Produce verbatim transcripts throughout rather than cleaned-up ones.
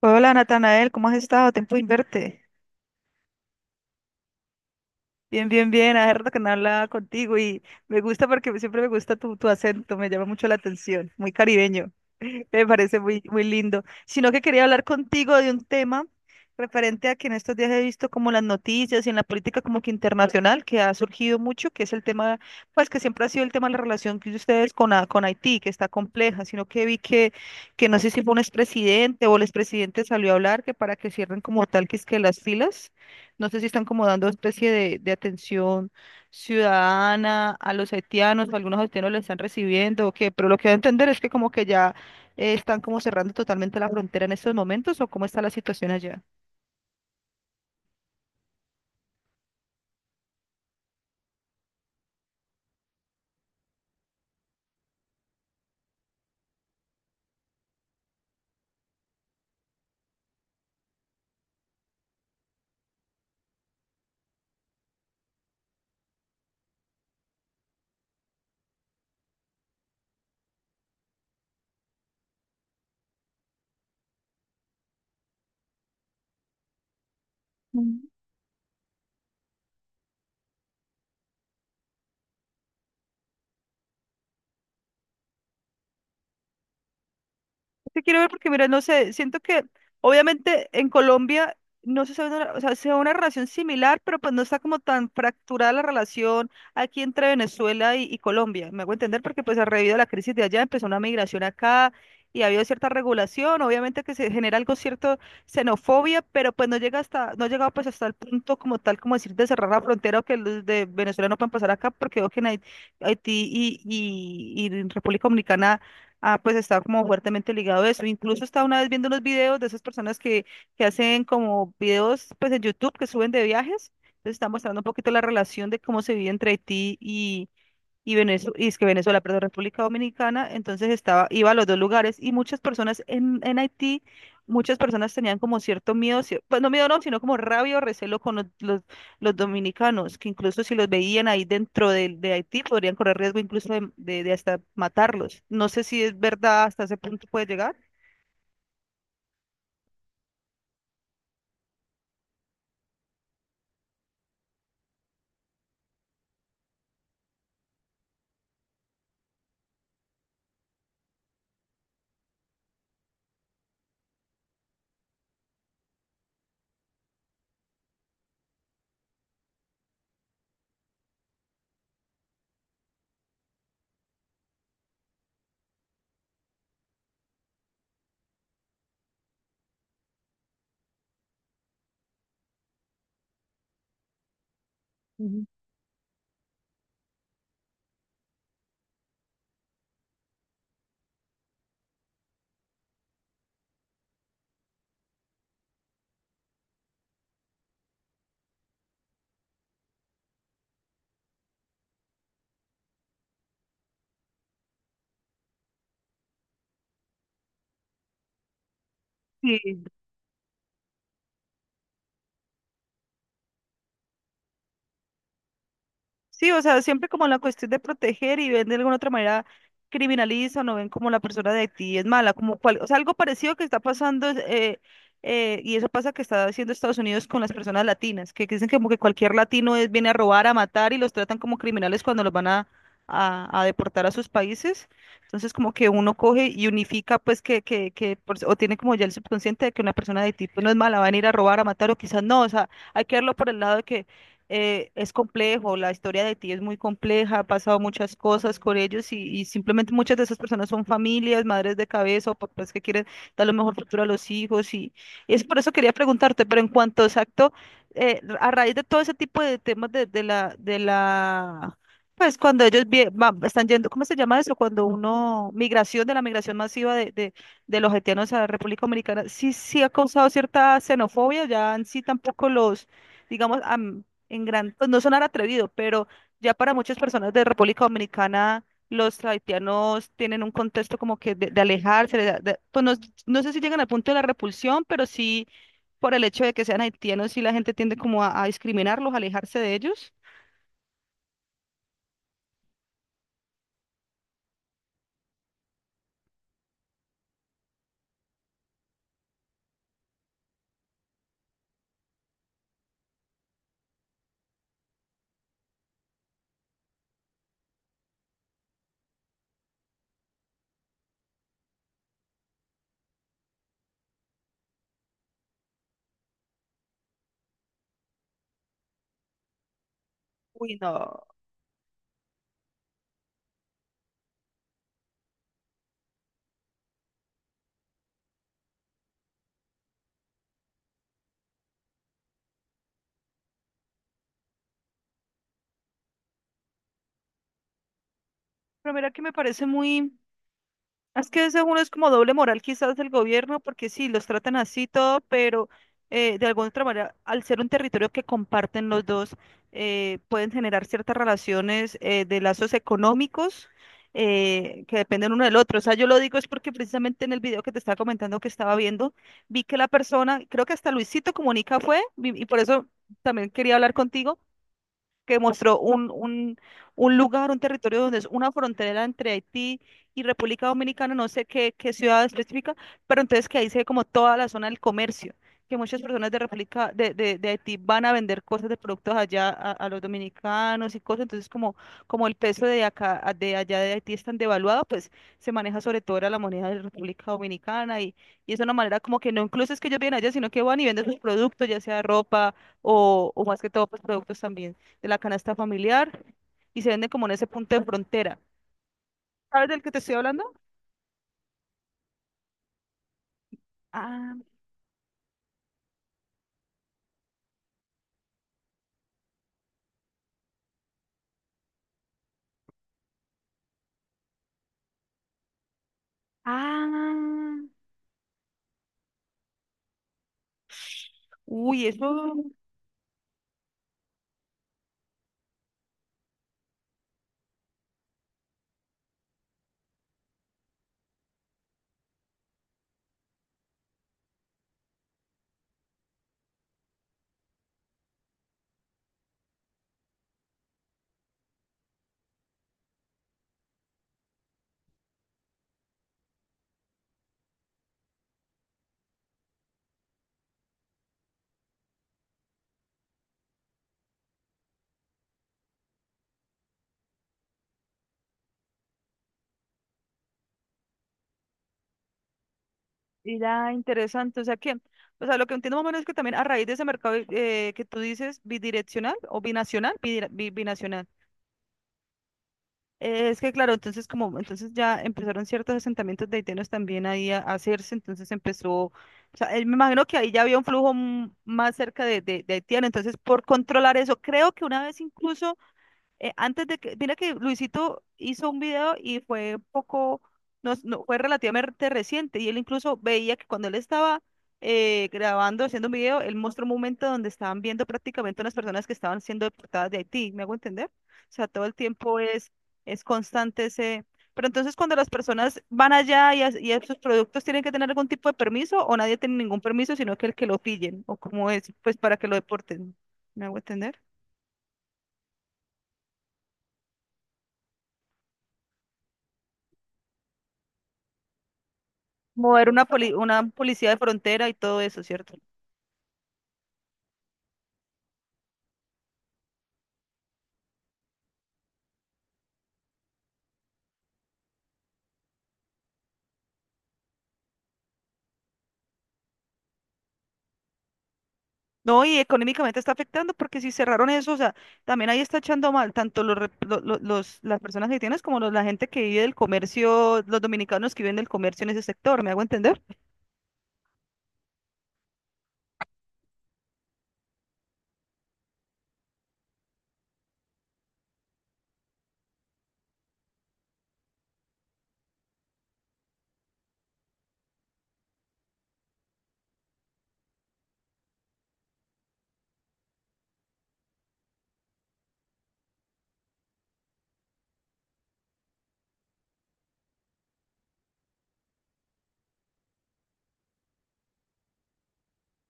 Hola Natanael, ¿cómo has estado? Tiempo sin verte. Bien, bien, bien. Hace rato que no hablaba contigo y me gusta porque siempre me gusta tu, tu acento, me llama mucho la atención, muy caribeño. Me parece muy, muy lindo. Sino que quería hablar contigo de un tema referente a que en estos días he visto como las noticias y en la política como que internacional que ha surgido mucho, que es el tema, pues que siempre ha sido el tema de la relación que ustedes con, Ha- con Haití, que está compleja, sino que vi que, que no sé si fue un expresidente o el expresidente salió a hablar que para que cierren como tal que es que las filas. No sé si están como dando especie de, de atención ciudadana a los haitianos, o algunos haitianos lo están recibiendo o qué, pero lo que voy a entender es que como que ya eh, están como cerrando totalmente la frontera en estos momentos o cómo está la situación allá. Que quiero ver porque, mira, no sé, siento que obviamente en Colombia no se sabe, o sea, se ve una relación similar, pero pues no está como tan fracturada la relación aquí entre Venezuela y, y Colombia. Me hago entender porque pues a raíz de la crisis de allá empezó una migración acá y ha habido cierta regulación, obviamente que se genera algo cierto xenofobia, pero pues no llega hasta, no ha llegado pues hasta el punto como tal, como decir de cerrar la frontera o que los de Venezuela no puedan pasar acá porque veo que en Hai- Haití y, y y en República Dominicana. Ah, pues está como fuertemente ligado a eso. Incluso estaba una vez viendo unos videos de esas personas que, que hacen como videos pues en YouTube que suben de viajes. Entonces está mostrando un poquito la relación de cómo se vive entre Haití y, y Venezuela, y es que Venezuela, perdón, República Dominicana, entonces estaba, iba a los dos lugares y muchas personas en, en Haití, muchas personas tenían como cierto miedo, cier- pues no miedo no, sino como rabia o recelo con los, los, los dominicanos, que incluso si los veían ahí dentro de, de Haití podrían correr riesgo incluso de, de, de hasta matarlos. No sé si es verdad hasta ese punto puede llegar. Ujú. Sí. Sí, o sea, siempre como la cuestión de proteger y ven de alguna otra manera criminalizan o no ven como la persona de ti es mala, como cual, o sea, algo parecido que está pasando, eh, eh, y eso pasa que está haciendo Estados Unidos con las personas latinas, que dicen que como que cualquier latino es, viene a robar, a matar y los tratan como criminales cuando los van a, a, a deportar a sus países. Entonces como que uno coge y unifica pues que, que, que por- o tiene como ya el subconsciente de que una persona de ti pues, no es mala, van a ir a robar, a matar o quizás no, o sea, hay que verlo por el lado de que eh, es complejo, la historia de ti es muy compleja, ha pasado muchas cosas con ellos y, y simplemente muchas de esas personas son familias, madres de cabeza o papás que quieren dar lo mejor futuro a los hijos y, y es por eso quería preguntarte, pero en cuanto exacto, eh, a raíz de todo ese tipo de temas de, de la, de la, pues cuando ellos vie- va- están yendo, ¿cómo se llama eso? Cuando uno, migración, de la migración masiva de, de, de los haitianos a la República Dominicana, sí, sí ha causado cierta xenofobia, ya en sí tampoco los digamos, en gran, pues no sonar atrevido, pero ya para muchas personas de República Dominicana, los haitianos tienen un contexto como que de, de alejarse, de- de- pues no, no sé si llegan al punto de la repulsión, pero sí por el hecho de que sean haitianos, sí la gente tiende como a, a discriminarlos, a alejarse de ellos. Uy, no. Pero mira que me parece muy, es que según es como doble moral quizás del gobierno, porque sí, los tratan así todo, pero eh, de alguna otra manera, al ser un territorio que comparten los dos, eh, pueden generar ciertas relaciones eh, de lazos económicos eh, que dependen uno del otro. O sea, yo lo digo es porque precisamente en el video que te estaba comentando que estaba viendo, vi que la persona, creo que hasta Luisito Comunica fue, vi- y por eso también quería hablar contigo que mostró un, un, un lugar, un territorio donde es una frontera entre Haití y República Dominicana, no sé qué, qué ciudad específica, pero entonces que ahí se ve como toda la zona del comercio, que muchas personas de República, de, de, de Haití van a vender cosas de productos allá a, a los dominicanos y cosas, entonces como, como el peso de acá, de allá de Haití es tan devaluado, pues se maneja sobre todo ahora la moneda de República Dominicana y, y es una manera como que no incluso es que ellos vienen allá, sino que van y venden sus productos, ya sea ropa o, o más que todo, pues productos también de la canasta familiar y se venden como en ese punto de frontera. ¿Sabes del que te estoy hablando? Ah, ah, uy, eso era interesante. O sea que, o sea, lo que entiendo más o menos es que también a raíz de ese mercado eh, que tú dices bidireccional o binacional, bidira- bi- binacional. Eh, es que claro, entonces como entonces ya empezaron ciertos asentamientos de haitianos también ahí a a hacerse, entonces empezó o sea, él- me imagino que ahí ya había un flujo mm, más cerca de, de, de haitiano, entonces por controlar eso, creo que una vez incluso eh, antes de que, mira que Luisito hizo un video y fue poco, no, es- no- fue relativamente reciente y él incluso veía que cuando él estaba eh, grabando, haciendo un video, él mostró un momento donde estaban viendo prácticamente unas personas que estaban siendo deportadas de Haití, ¿me hago entender? O sea, todo el tiempo es, es constante ese... Pero entonces cuando las personas van allá y, a- y a sus productos tienen que tener algún tipo de permiso o nadie tiene ningún permiso, sino que el que lo pillen o como es, pues para que lo deporten, ¿me hago entender? Mover una, poli- una policía de frontera y todo eso, ¿cierto? No, y económicamente está afectando porque si cerraron eso, o sea, también ahí está echando mal tanto los, rep- lo- lo- los, las personas haitianas como los- la gente que vive del comercio, los dominicanos que viven del comercio en ese sector, ¿me hago entender?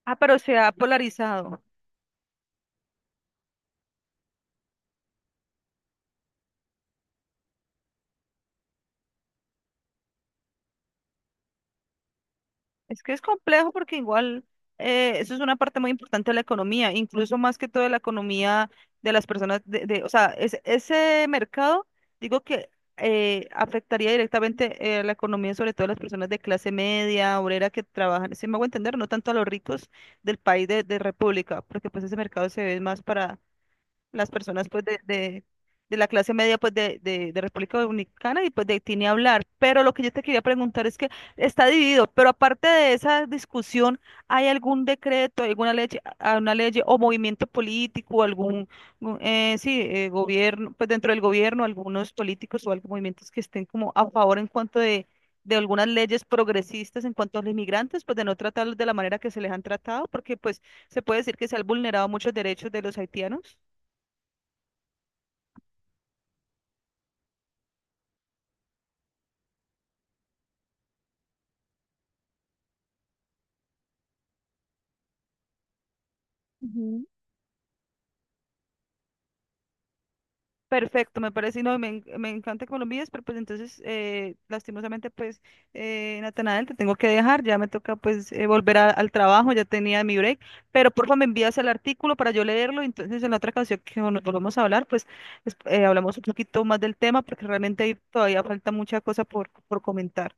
Ah, pero se ha polarizado. Es que es complejo porque igual eh, eso es una parte muy importante de la economía, incluso más que todo de la economía de las personas, de, de- o sea, es- ese mercado, digo que eh, afectaría directamente eh, la economía, sobre todo a las personas de clase media, obrera que trabajan, si me hago entender, no tanto a los ricos del país de, de República, porque pues ese mercado se ve más para las personas pues de, de, de la clase media pues de, de, de República Dominicana y pues de Haití ni hablar. Pero lo que yo te quería preguntar es que está dividido, pero aparte de esa discusión, ¿hay algún decreto, alguna ley, una ley o movimiento político, algún, gu- eh, sí, eh, gobierno, pues dentro del gobierno, algunos políticos o algunos movimientos que estén como a favor en cuanto de... de algunas leyes progresistas en cuanto a los inmigrantes, pues de no tratarlos de la manera que se les han tratado, porque pues se puede decir que se han vulnerado muchos derechos de los haitianos. Ujú. Perfecto, me parece, y no, me, en- me encanta que me lo envíes, pero pues entonces, eh, lastimosamente, pues, eh, Natanael, te tengo que dejar, ya me toca pues eh, volver a- al trabajo, ya tenía mi break, pero porfa me envías el artículo para yo leerlo, y entonces en la otra ocasión que nos volvamos a hablar, pues es- eh, hablamos un poquito más del tema, porque realmente ahí todavía falta mucha cosa por, por comentar.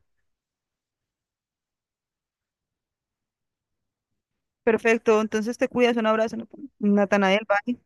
Perfecto, entonces te cuidas, un abrazo, Natanael, bye.